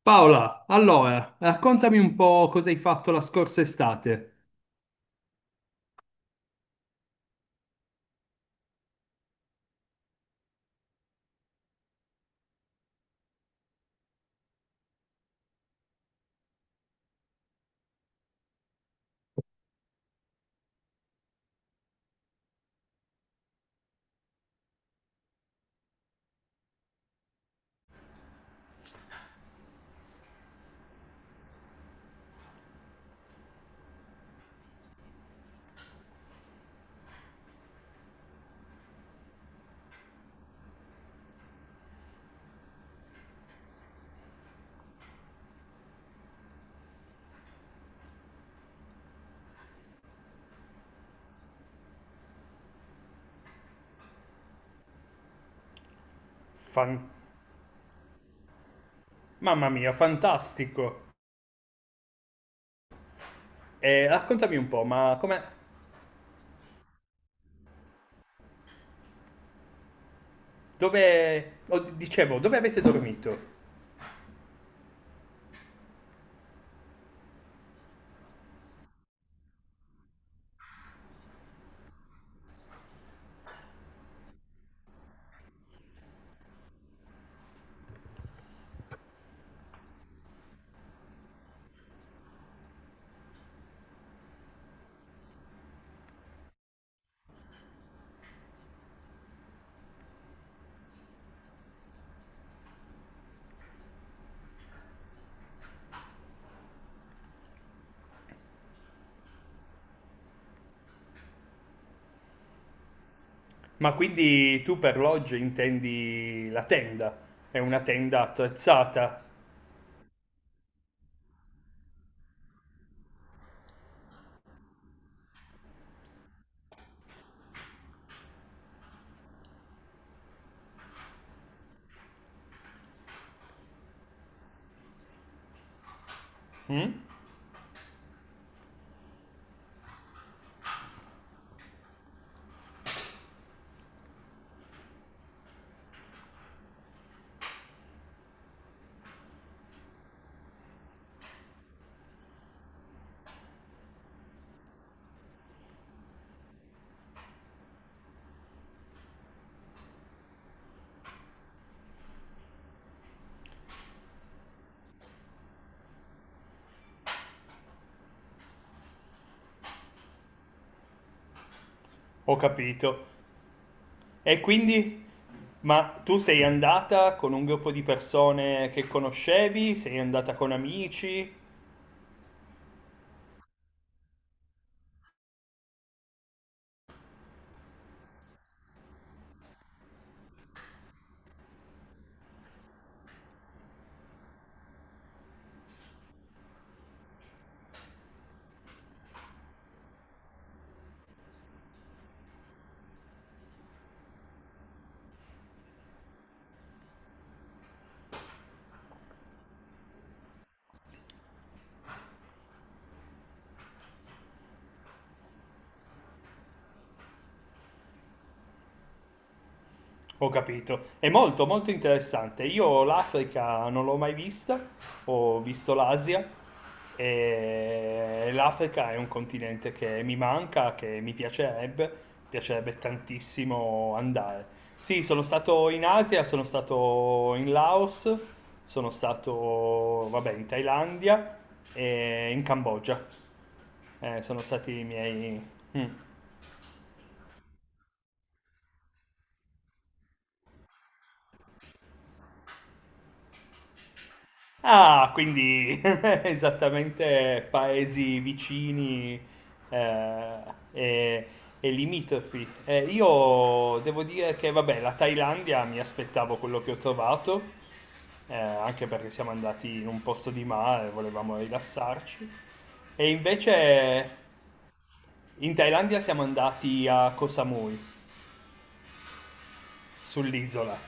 Paola, allora, raccontami un po' cosa hai fatto la scorsa estate. Fan- Mamma mia, fantastico. Raccontami un po', ma come... Dove... oh, dicevo, dove avete dormito? Ma quindi tu per lodge intendi la tenda? È una tenda attrezzata? Mm? Ho capito. E quindi... Ma tu sei andata con un gruppo di persone che conoscevi? Sei andata con amici? Ho capito, è molto molto interessante. Io l'Africa non l'ho mai vista, ho visto l'Asia e l'Africa è un continente che mi manca, che mi piacerebbe, piacerebbe tantissimo andare. Sì, sono stato in Asia, sono stato in Laos, sono stato, vabbè, in Thailandia e in Cambogia. Sono stati i miei... Mm. Ah, quindi esattamente paesi vicini, eh, e, e limitrofi. Io devo dire che, vabbè, la Thailandia mi aspettavo quello che ho trovato, anche perché siamo andati in un posto di mare, volevamo rilassarci. E invece in Thailandia siamo andati a Koh Samui, sull'isola.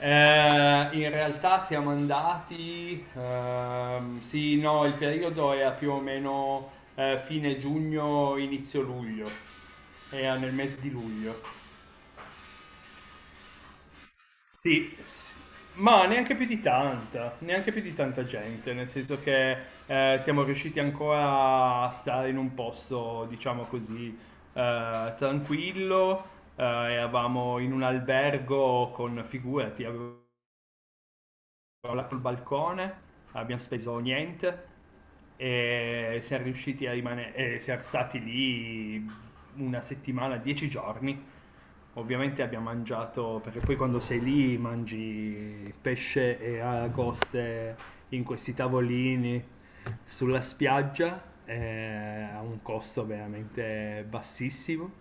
In realtà siamo andati, sì, no, il periodo era più o meno fine giugno, inizio luglio, era nel mese di luglio. Sì, s- ma neanche più di tanta, neanche più di tanta gente, nel senso che siamo riusciti ancora a stare in un posto, diciamo così, tranquillo, eravamo in un albergo con, figurati, avevo crollato il balcone, abbiamo speso niente e siamo riusciti a rimanere, e siamo stati lì una settimana, dieci giorni. Ovviamente abbiamo mangiato, perché poi quando sei lì mangi pesce e aragoste in questi tavolini sulla spiaggia a un costo veramente bassissimo,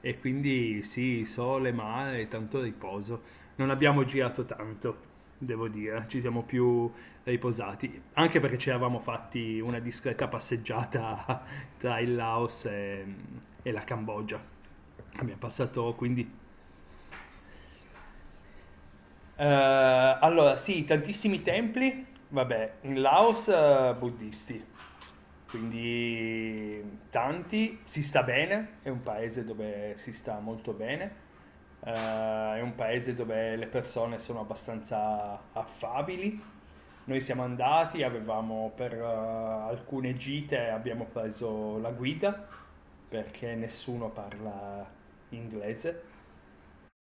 e quindi sì, sole, mare, e tanto riposo. Non abbiamo girato tanto, devo dire, ci siamo più riposati, anche perché ci eravamo fatti una discreta passeggiata tra il Laos e la Cambogia. Abbiamo passato quindi eh, allora, sì, tantissimi templi, vabbè, in Laos buddisti, quindi tanti, si sta bene, è un paese dove si sta molto bene, eh, è un paese dove le persone sono abbastanza affabili. Noi siamo andati, avevamo per alcune gite abbiamo preso la guida perché nessuno parla inglese.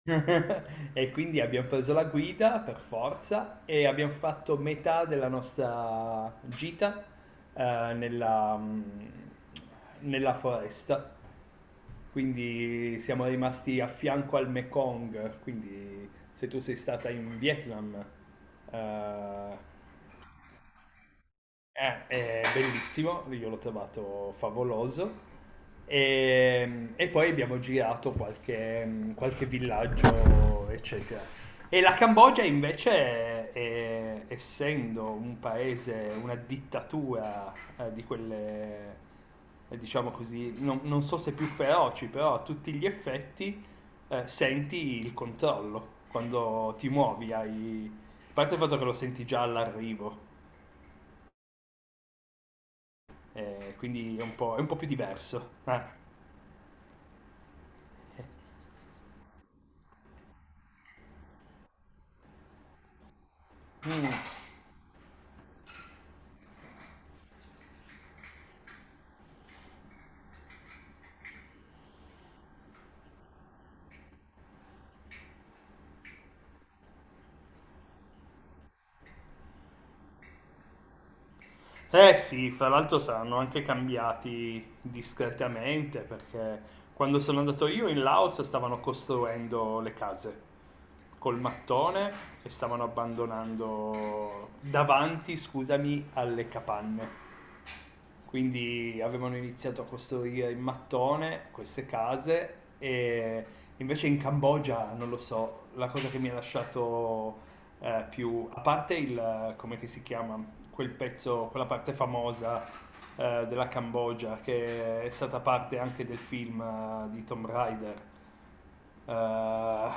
E quindi abbiam preso la guida per forza e abbiam fatto metà della nostra gita, ehm, nella mhmm, nella foresta. Quindi siamo rimasti a fianco al Mekong, quindi se tu sei stata in Vietnam, eh, è bellissimo, io l'ho trovato favoloso. E poi abbiamo girato qualche, qualche villaggio, eccetera. E la Cambogia invece, è, essendo un paese, una dittatura di quelle, diciamo così, non, non so se più feroci, però a tutti gli effetti senti il controllo quando ti muovi. Hai... A parte il fatto che lo senti già all'arrivo quindi è un po' più diverso. Mm. Eh sì, fra l'altro saranno anche cambiati discretamente perché quando sono andato io in Laos stavano costruendo le case col mattone e stavano abbandonando davanti, scusami, alle capanne. Quindi avevano iniziato a costruire in mattone queste case e invece in Cambogia, non lo so, la cosa che mi ha lasciato più, a parte il, come che si chiama, quel pezzo, quella parte famosa della Cambogia che è stata parte anche del film di Tomb Raider. Eh,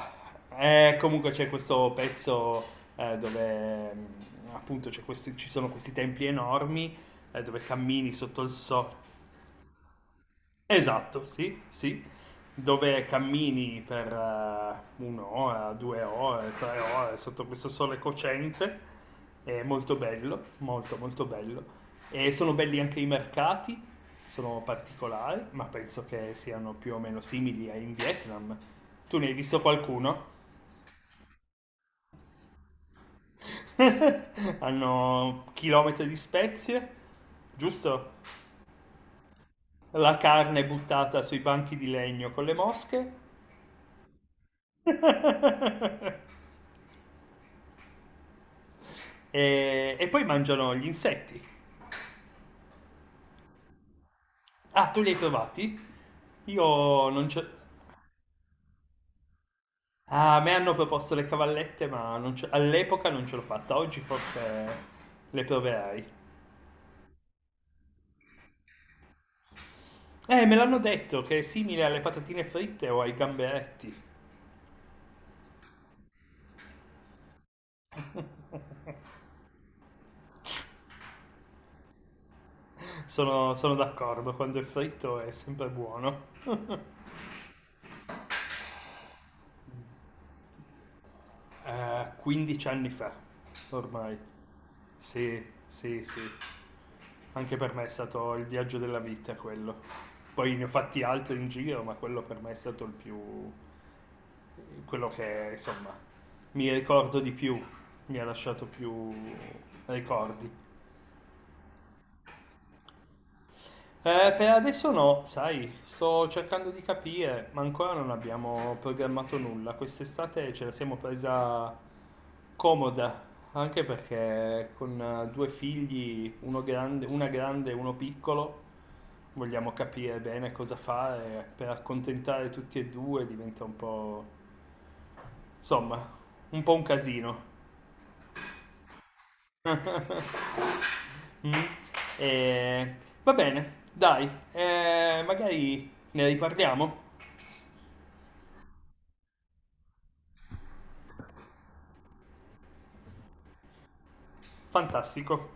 e comunque c'è questo pezzo dove mm, appunto ci sono questi templi enormi dove cammini sotto il sole. Esatto, sì, sì. Dove cammini per un'ora, due ore, tre ore sotto questo sole cocente. È molto bello, molto molto bello. E sono belli anche i mercati, sono particolari, ma penso che siano più o meno simili ai in Vietnam. Tu ne hai visto qualcuno? Hanno chilometri di spezie, giusto? La carne buttata sui banchi di legno con le mosche. E, e poi mangiano gli insetti. Ah, tu li hai trovati? Io non c'ho... Ah, a me hanno proposto le cavallette, ma non ce- all'epoca non ce l'ho fatta. Oggi forse le proverai. Me l'hanno detto che è simile alle patatine fritte o ai gamberetti. Sono, sono d'accordo, quando è fritto è sempre buono. Eh, 15 anni fa, ormai. Sì, sì, sì. Anche per me è stato il viaggio della vita quello. Poi ne ho fatti altri in giro, ma quello per me è stato il più... quello che, insomma, mi ricordo di più, mi ha lasciato più ricordi. Per adesso no, sai, sto cercando di capire, ma ancora non abbiamo programmato nulla. Quest'estate ce la siamo presa comoda, anche perché con due figli, uno grande, una grande e uno piccolo, vogliamo capire bene cosa fare per accontentare tutti e due, diventa un po', insomma, un po' un casino. Mm. Eh, va bene, dai, magari ne riparliamo. Fantastico.